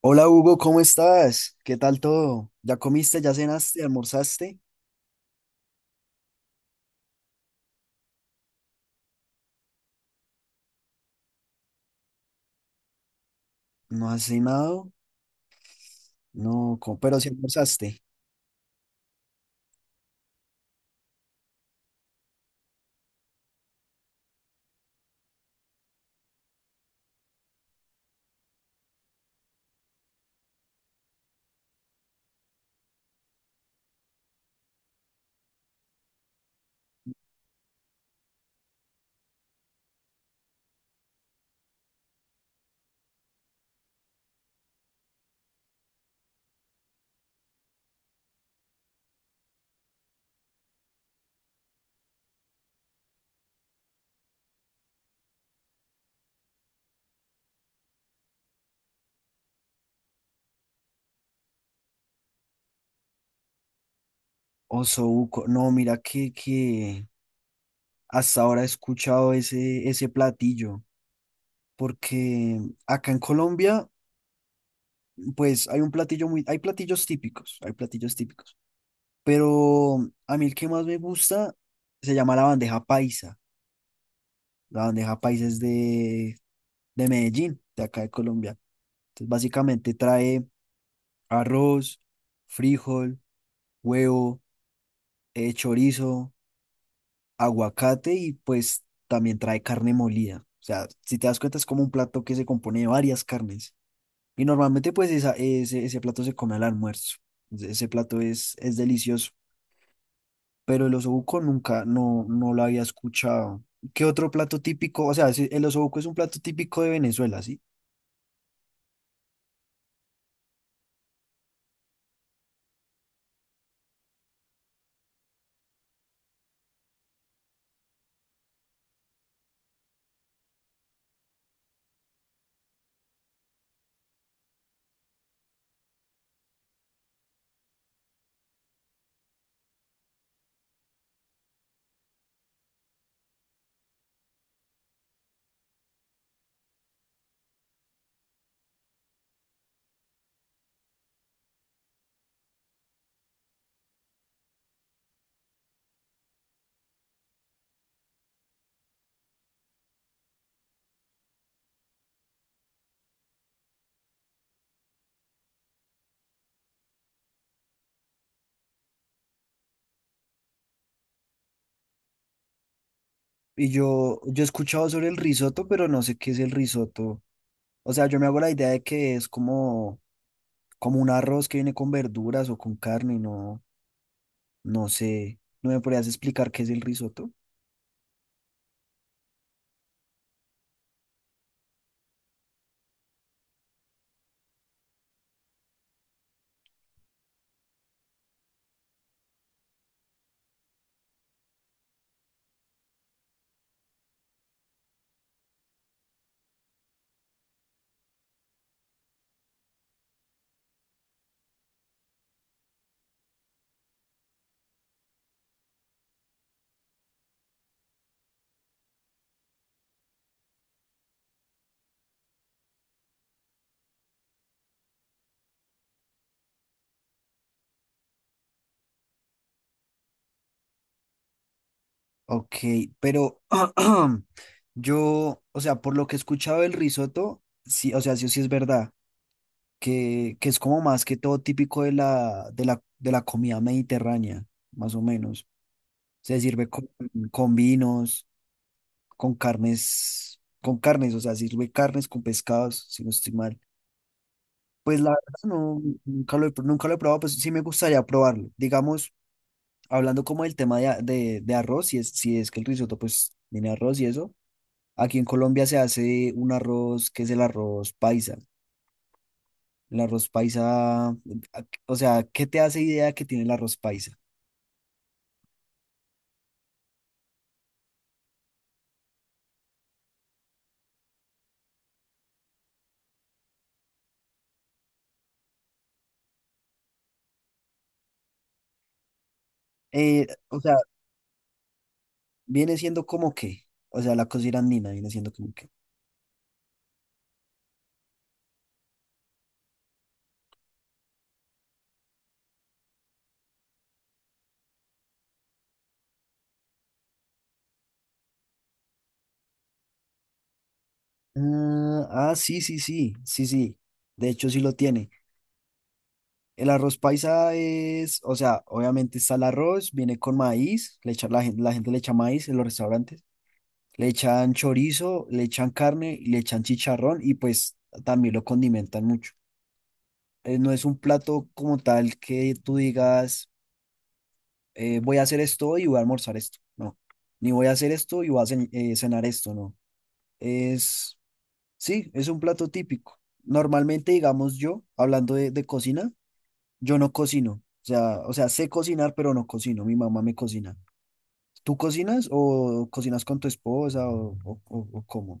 Hola Hugo, ¿cómo estás? ¿Qué tal todo? ¿Ya comiste, ya cenaste, almorzaste? ¿No has cenado? No, pero sí almorzaste. Osobuco, no, mira que hasta ahora he escuchado ese platillo, porque acá en Colombia, pues hay un platillo muy, hay platillos típicos, pero a mí el que más me gusta se llama la bandeja paisa. La bandeja paisa es de Medellín, de acá de Colombia. Entonces, básicamente trae arroz, frijol, huevo, chorizo, aguacate y pues también trae carne molida. O sea, si te das cuenta es como un plato que se compone de varias carnes. Y normalmente pues ese plato se come al almuerzo. Ese plato es delicioso. Pero el osobuco nunca, no, no lo había escuchado. ¿Qué otro plato típico? O sea, sí, el osobuco es un plato típico de Venezuela, ¿sí? Y yo he escuchado sobre el risotto, pero no sé qué es el risotto. O sea, yo me hago la idea de que es como como un arroz que viene con verduras o con carne, no, no sé, ¿no me podrías explicar qué es el risotto? Ok, pero yo, o sea, por lo que he escuchado del risotto, sí, o sea, sí o sí es verdad, que es como más que todo típico de de la comida mediterránea, más o menos. Se sirve con vinos, con carnes, o sea, sirve carnes con pescados, si no estoy mal. Pues la verdad no, nunca lo he probado, pues sí me gustaría probarlo. Digamos, hablando como del tema de arroz, si es que el risotto pues tiene arroz y eso, aquí en Colombia se hace un arroz que es el arroz paisa. El arroz paisa, a- o sea, ¿qué te hace idea que tiene el arroz paisa? O sea, viene siendo como que, o sea, la cocina andina viene siendo como que. Ah, ah, sí, sí, sí, sí, sí. De hecho, sí lo tiene. El arroz paisa es, o sea, obviamente está el arroz, viene con maíz, la gente le echa maíz en los restaurantes, le echan chorizo, le echan carne, y le echan chicharrón y pues también lo condimentan mucho. No es un plato como tal que tú digas, voy a hacer esto y voy a almorzar esto, no. Ni voy a hacer esto y voy a cenar esto, no. Es, sí, es un plato típico. Normalmente, digamos yo, hablando de cocina, yo no cocino. O sea, sé cocinar, pero no cocino. Mi mamá me cocina. ¿Tú cocinas o cocinas con tu esposa o cómo?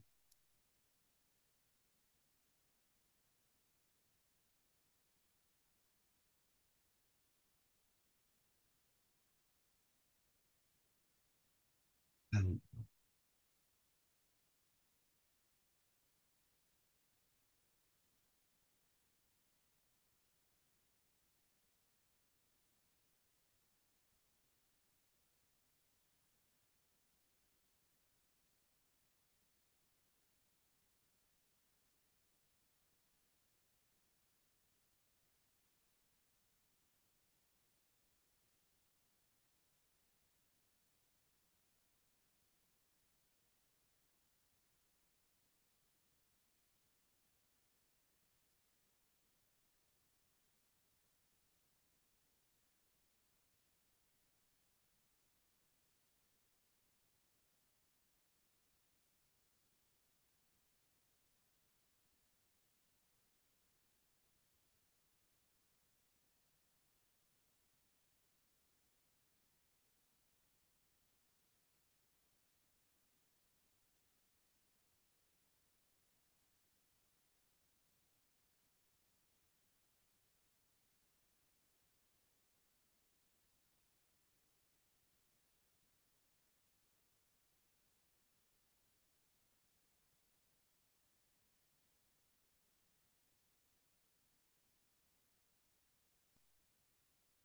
Mm.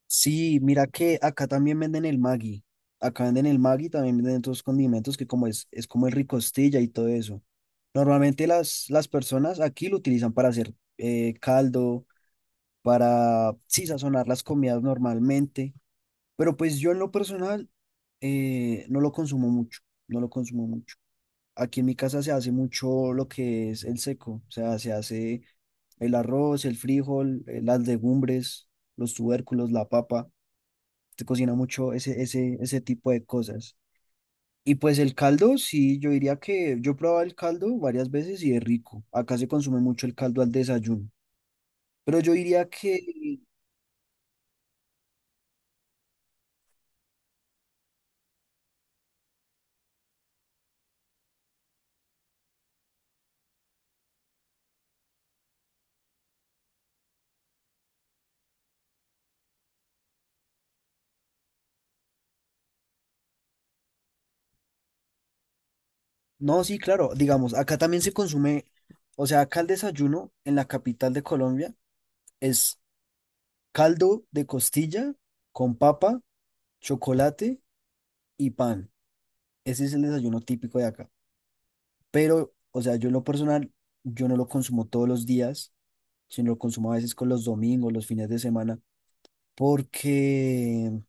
Sí, mira que acá también venden el Maggi. Acá venden el Maggi, también venden otros condimentos que es como el ricostilla y todo eso. Normalmente las personas aquí lo utilizan para hacer caldo, para sí, sazonar las comidas normalmente. Pero pues yo en lo personal no lo consumo mucho. No lo consumo mucho. Aquí en mi casa se hace mucho lo que es el seco, o sea, se hace el arroz, el frijol, las legumbres, los tubérculos, la papa. Se cocina mucho ese tipo de cosas. Y pues el caldo, sí, yo diría que yo probaba el caldo varias veces y es rico. Acá se consume mucho el caldo al desayuno. Pero yo diría que, no, sí, claro, digamos, acá también se consume, o sea, acá el desayuno en la capital de Colombia es caldo de costilla con papa, chocolate y pan. Ese es el desayuno típico de acá. Pero, o sea, yo en lo personal, yo no lo consumo todos los días, sino lo consumo a veces con los domingos, los fines de semana, porque,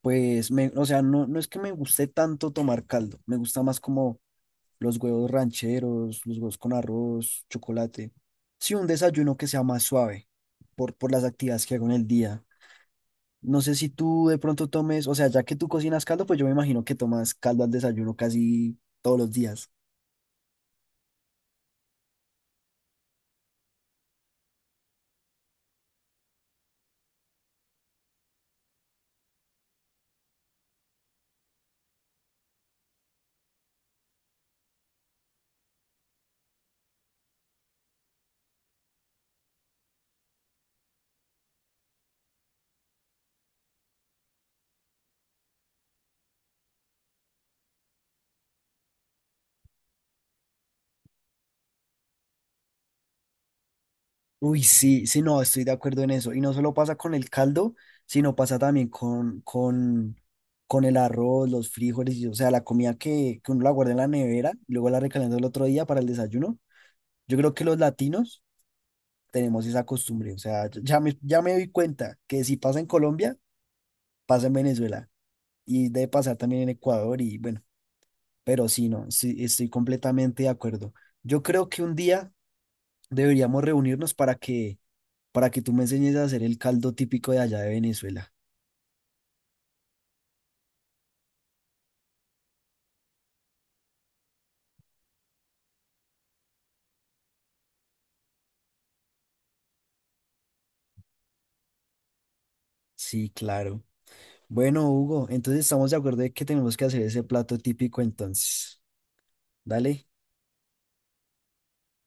pues, me, o sea, no, no es que me guste tanto tomar caldo, me gusta más como los huevos rancheros, los huevos con arroz, chocolate. Sí, un desayuno que sea más suave por las actividades que hago en el día. No sé si tú de pronto tomes, o sea, ya que tú cocinas caldo, pues yo me imagino que tomas caldo al desayuno casi todos los días. Uy, sí, sí, no, estoy de acuerdo en eso. Y no solo pasa con el caldo, sino pasa también con el arroz, los frijoles, y, o sea, la comida que uno la guarda en la nevera, y luego la recalienta el otro día para el desayuno. Yo creo que los latinos tenemos esa costumbre, o sea, ya me doy cuenta que si pasa en Colombia, pasa en Venezuela y debe pasar también en Ecuador y bueno. Pero sí, no, sí, estoy completamente de acuerdo. Yo creo que un día deberíamos reunirnos para que tú me enseñes a hacer el caldo típico de allá de Venezuela. Sí, claro. Bueno, Hugo, entonces estamos de acuerdo de que tenemos que hacer ese plato típico entonces. Dale,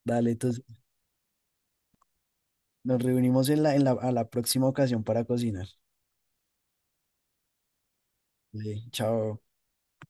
dale, entonces nos reunimos en a la próxima ocasión para cocinar. Dale, chao.